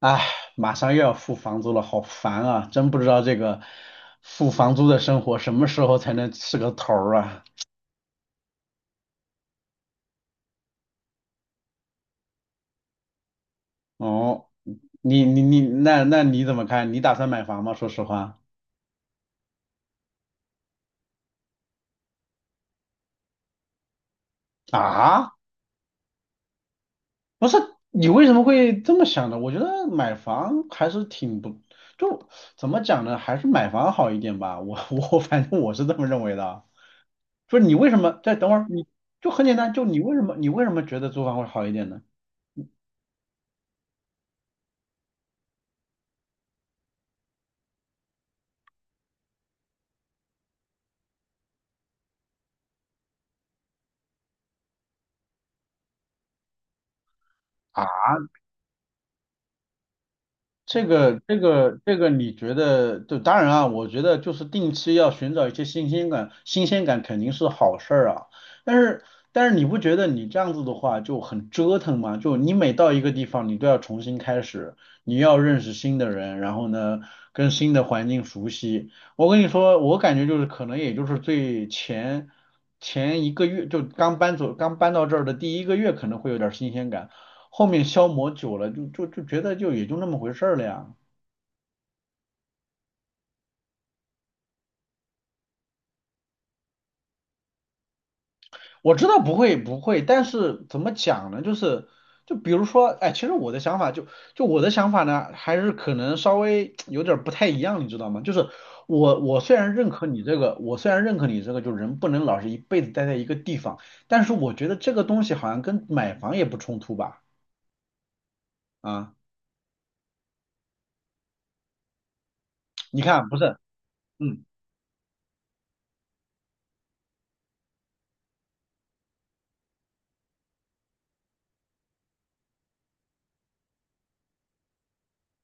哎，马上又要付房租了，好烦啊！真不知道这个付房租的生活什么时候才能是个头儿啊？哦，你，那你怎么看？你打算买房吗？说实话啊，不是，你为什么会这么想呢？我觉得买房还是挺不，就怎么讲呢？还是买房好一点吧。我反正我是这么认为的啊。就是你为什么？再等会儿，你就很简单，就你为什么觉得租房会好一点呢？啊？这个，你觉得就当然啊，我觉得就是定期要寻找一些新鲜感，新鲜感肯定是好事儿啊。但是但是你不觉得你这样子的话就很折腾吗？就你每到一个地方，你都要重新开始，你要认识新的人，然后呢跟新的环境熟悉。我跟你说，我感觉就是可能也就是前一个月，就刚搬到这儿的第一个月可能会有点儿新鲜感。后面消磨久了，就觉得就也就那么回事儿了呀。我知道不会不会，但是怎么讲呢？就是就比如说，哎，其实我的想法呢，还是可能稍微有点儿不太一样，你知道吗？就是我虽然认可你这个，就人不能老是一辈子待在一个地方，但是我觉得这个东西好像跟买房也不冲突吧？啊，你看不是，嗯。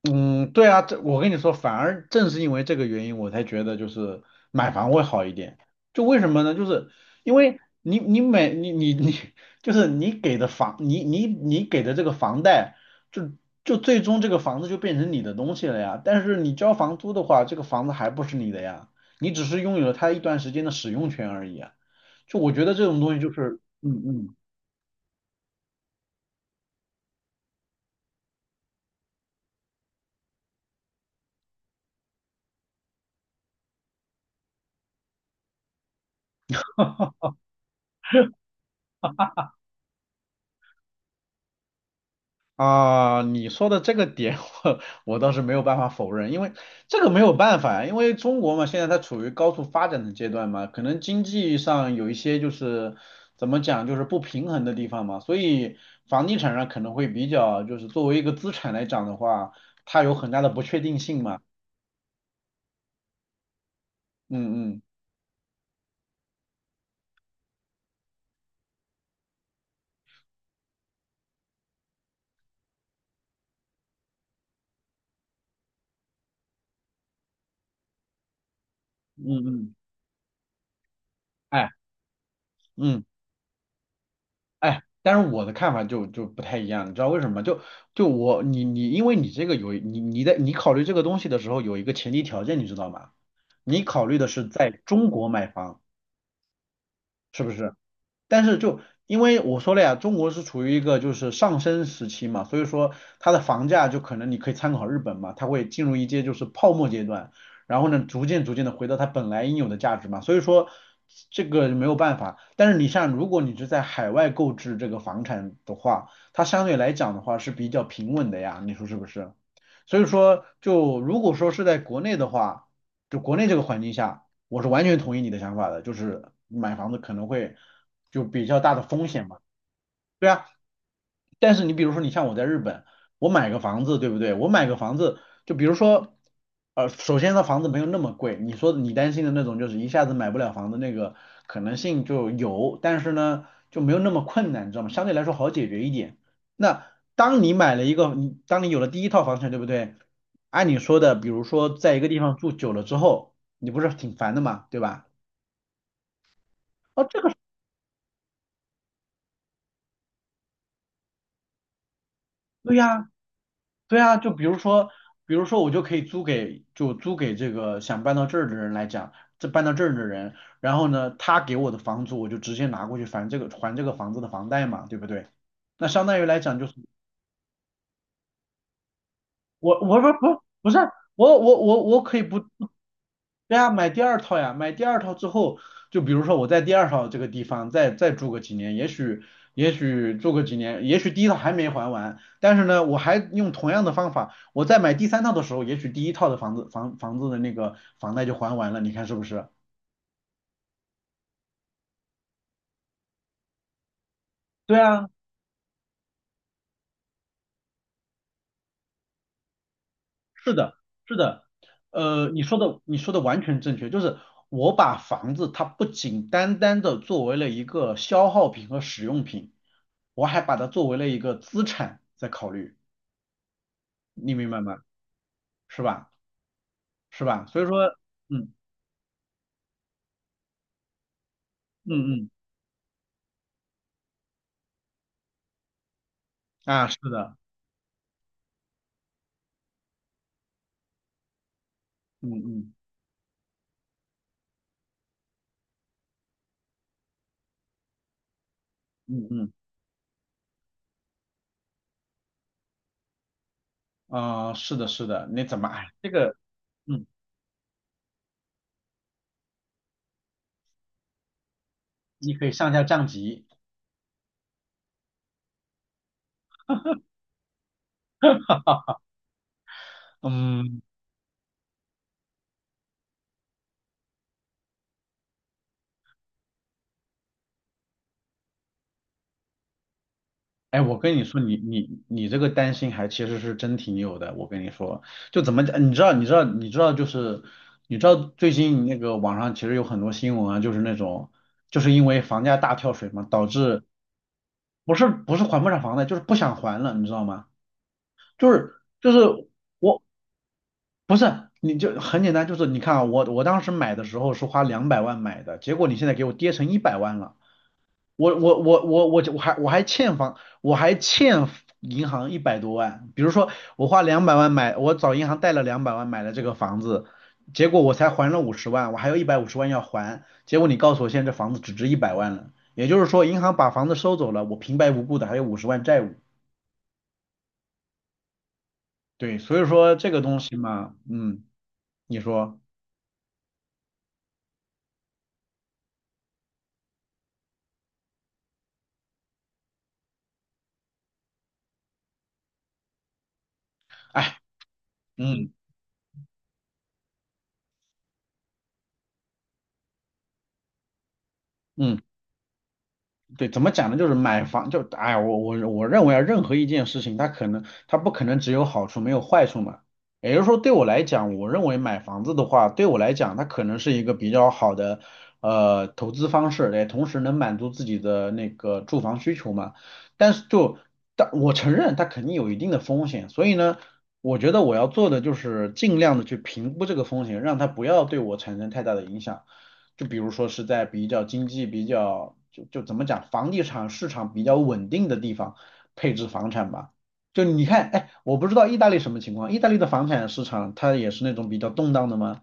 嗯，对啊，这我跟你说，反而正是因为这个原因，我才觉得就是买房会好一点。就为什么呢？就是因为你，就是你给的房，你给的这个房贷，就就最终这个房子就变成你的东西了呀。但是你交房租的话，这个房子还不是你的呀，你只是拥有了它一段时间的使用权而已啊。就我觉得这种东西就是，嗯嗯。啊，你说的这个点 我我倒是没有办法否认，因为这个没有办法，因为中国嘛，现在它处于高速发展的阶段嘛，可能经济上有一些就是怎么讲，就是不平衡的地方嘛，所以房地产上可能会比较，就是作为一个资产来讲的话，它有很大的不确定性嘛，嗯嗯嗯嗯，哎，嗯。哎，但是我的看法就不太一样，你知道为什么吗？就就我你你，因为你在你考虑这个东西的时候有一个前提条件，你知道吗？你考虑的是在中国买房，是不是？但是就因为我说了呀，中国是处于一个就是上升时期嘛，所以说它的房价就可能你可以参考日本嘛，它会进入一阶就是泡沫阶段，然后呢逐渐逐渐的回到它本来应有的价值嘛，所以说这个没有办法。但是你像如果你是在海外购置这个房产的话，它相对来讲的话是比较平稳的呀，你说是不是？所以说就如果说是在国内的话，就国内这个环境下。我是完全同意你的想法的，就是买房子可能会就比较大的风险嘛，对啊，但是你比如说，你像我在日本，我买个房子，对不对？我买个房子，就比如说，首先呢，房子没有那么贵。你说你担心的那种，就是一下子买不了房子那个可能性就有，但是呢，就没有那么困难，你知道吗？相对来说好解决一点。那当你有了第一套房产，对不对？按你说的，比如说在一个地方住久了之后，你不是挺烦的嘛，对吧？哦，对呀。对啊，就比如说，比如说我就可以租给，就租给这个想搬到这儿的人来讲，这搬到这儿的人，然后呢，他给我的房租我就直接拿过去还这个房子的房贷嘛，对不对？那相当于来讲就是我我不不不是我我我我可以不，对啊，买第二套呀，买第二套之后，就比如说我在第二套这个地方再住个几年，也许住个几年，也许第一套还没还完，但是呢，我还用同样的方法，我在买第三套的时候，也许第一套的房子的那个房贷就还完了，你看是不是？对啊。是的，是的，你说的完全正确，就是我把房子它不仅单单的作为了一个消耗品和使用品，我还把它作为了一个资产在考虑，你明白吗？是吧？是吧？所以说，嗯嗯嗯，啊，是的，嗯嗯嗯嗯，啊、是的，是的，你怎么，哎，这个，嗯，你可以上下降级，嗯。哎，我跟你说，你这个担心还其实是真挺有的。我跟你说，就怎么讲，你知道，你知道，你知道，就是你知道最近那个网上其实有很多新闻啊，就是那种就是因为房价大跳水嘛，导致不是不是还不上房贷，就是不想还了，你知道吗？就是就是我不是你就很简单，就是你看啊，我当时买的时候是花两百万买的，结果你现在给我跌成一百万了。我还欠银行100多万。比如说我花两百万买，我找银行贷了两百万买了这个房子，结果我才还了五十万，我还有150万要还。结果你告诉我现在这房子只值一百万了，也就是说银行把房子收走了，我平白无故的还有五十万债务。对，所以说这个东西嘛，嗯，你说，哎，嗯嗯。对，怎么讲呢？就是买房，就哎呀，我认为啊，任何一件事情，它不可能只有好处没有坏处嘛。也就是说，对我来讲，我认为买房子的话，对我来讲，它可能是一个比较好的投资方式，也同时能满足自己的那个住房需求嘛。但是就但我承认它肯定有一定的风险，所以呢，我觉得我要做的就是尽量的去评估这个风险，让它不要对我产生太大的影响。就比如说是在比较经济比较就就怎么讲，房地产市场比较稳定的地方配置房产吧。就你看，哎，我不知道意大利什么情况，意大利的房产市场它也是那种比较动荡的吗？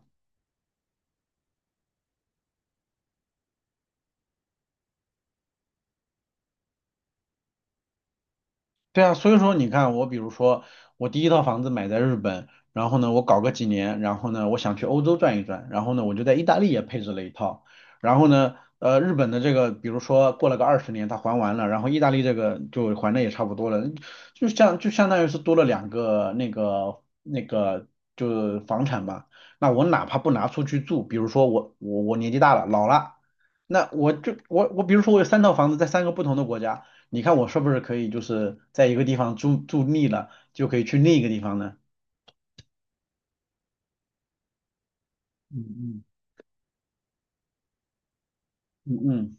对啊，所以说你看，我比如说，我第一套房子买在日本，然后呢，我搞个几年，然后呢，我想去欧洲转一转，然后呢，我就在意大利也配置了一套，然后呢，日本的这个，比如说过了个20年，它还完了，然后意大利这个就还的也差不多了，就相当于是多了两个房产吧，那我哪怕不拿出去住，比如说我年纪大了，老了。那我就我我比如说我有三套房子在三个不同的国家，你看我是不是可以就是在一个地方住住腻了，就可以去另一个地方呢？嗯嗯嗯，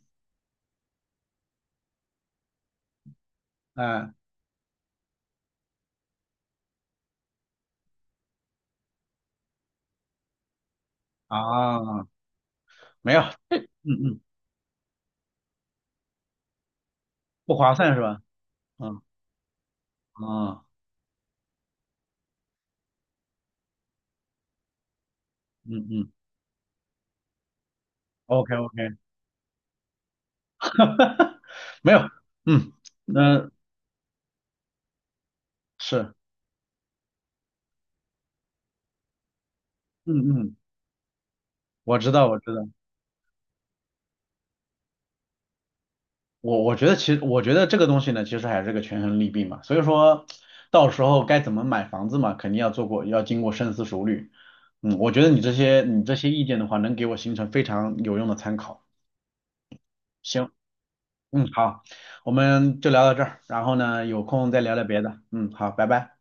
嗯，哎啊，没有，嗯嗯，不划算是吧？嗯啊，嗯嗯，OK OK，没有，嗯，那、是，嗯嗯，我知道我知道。我觉得这个东西呢，其实还是个权衡利弊嘛。所以说，到时候该怎么买房子嘛，肯定要经过深思熟虑。嗯，我觉得你这些意见的话，能给我形成非常有用的参考。行，嗯，好，我们就聊到这儿，然后呢，有空再聊聊别的。嗯，好，拜拜。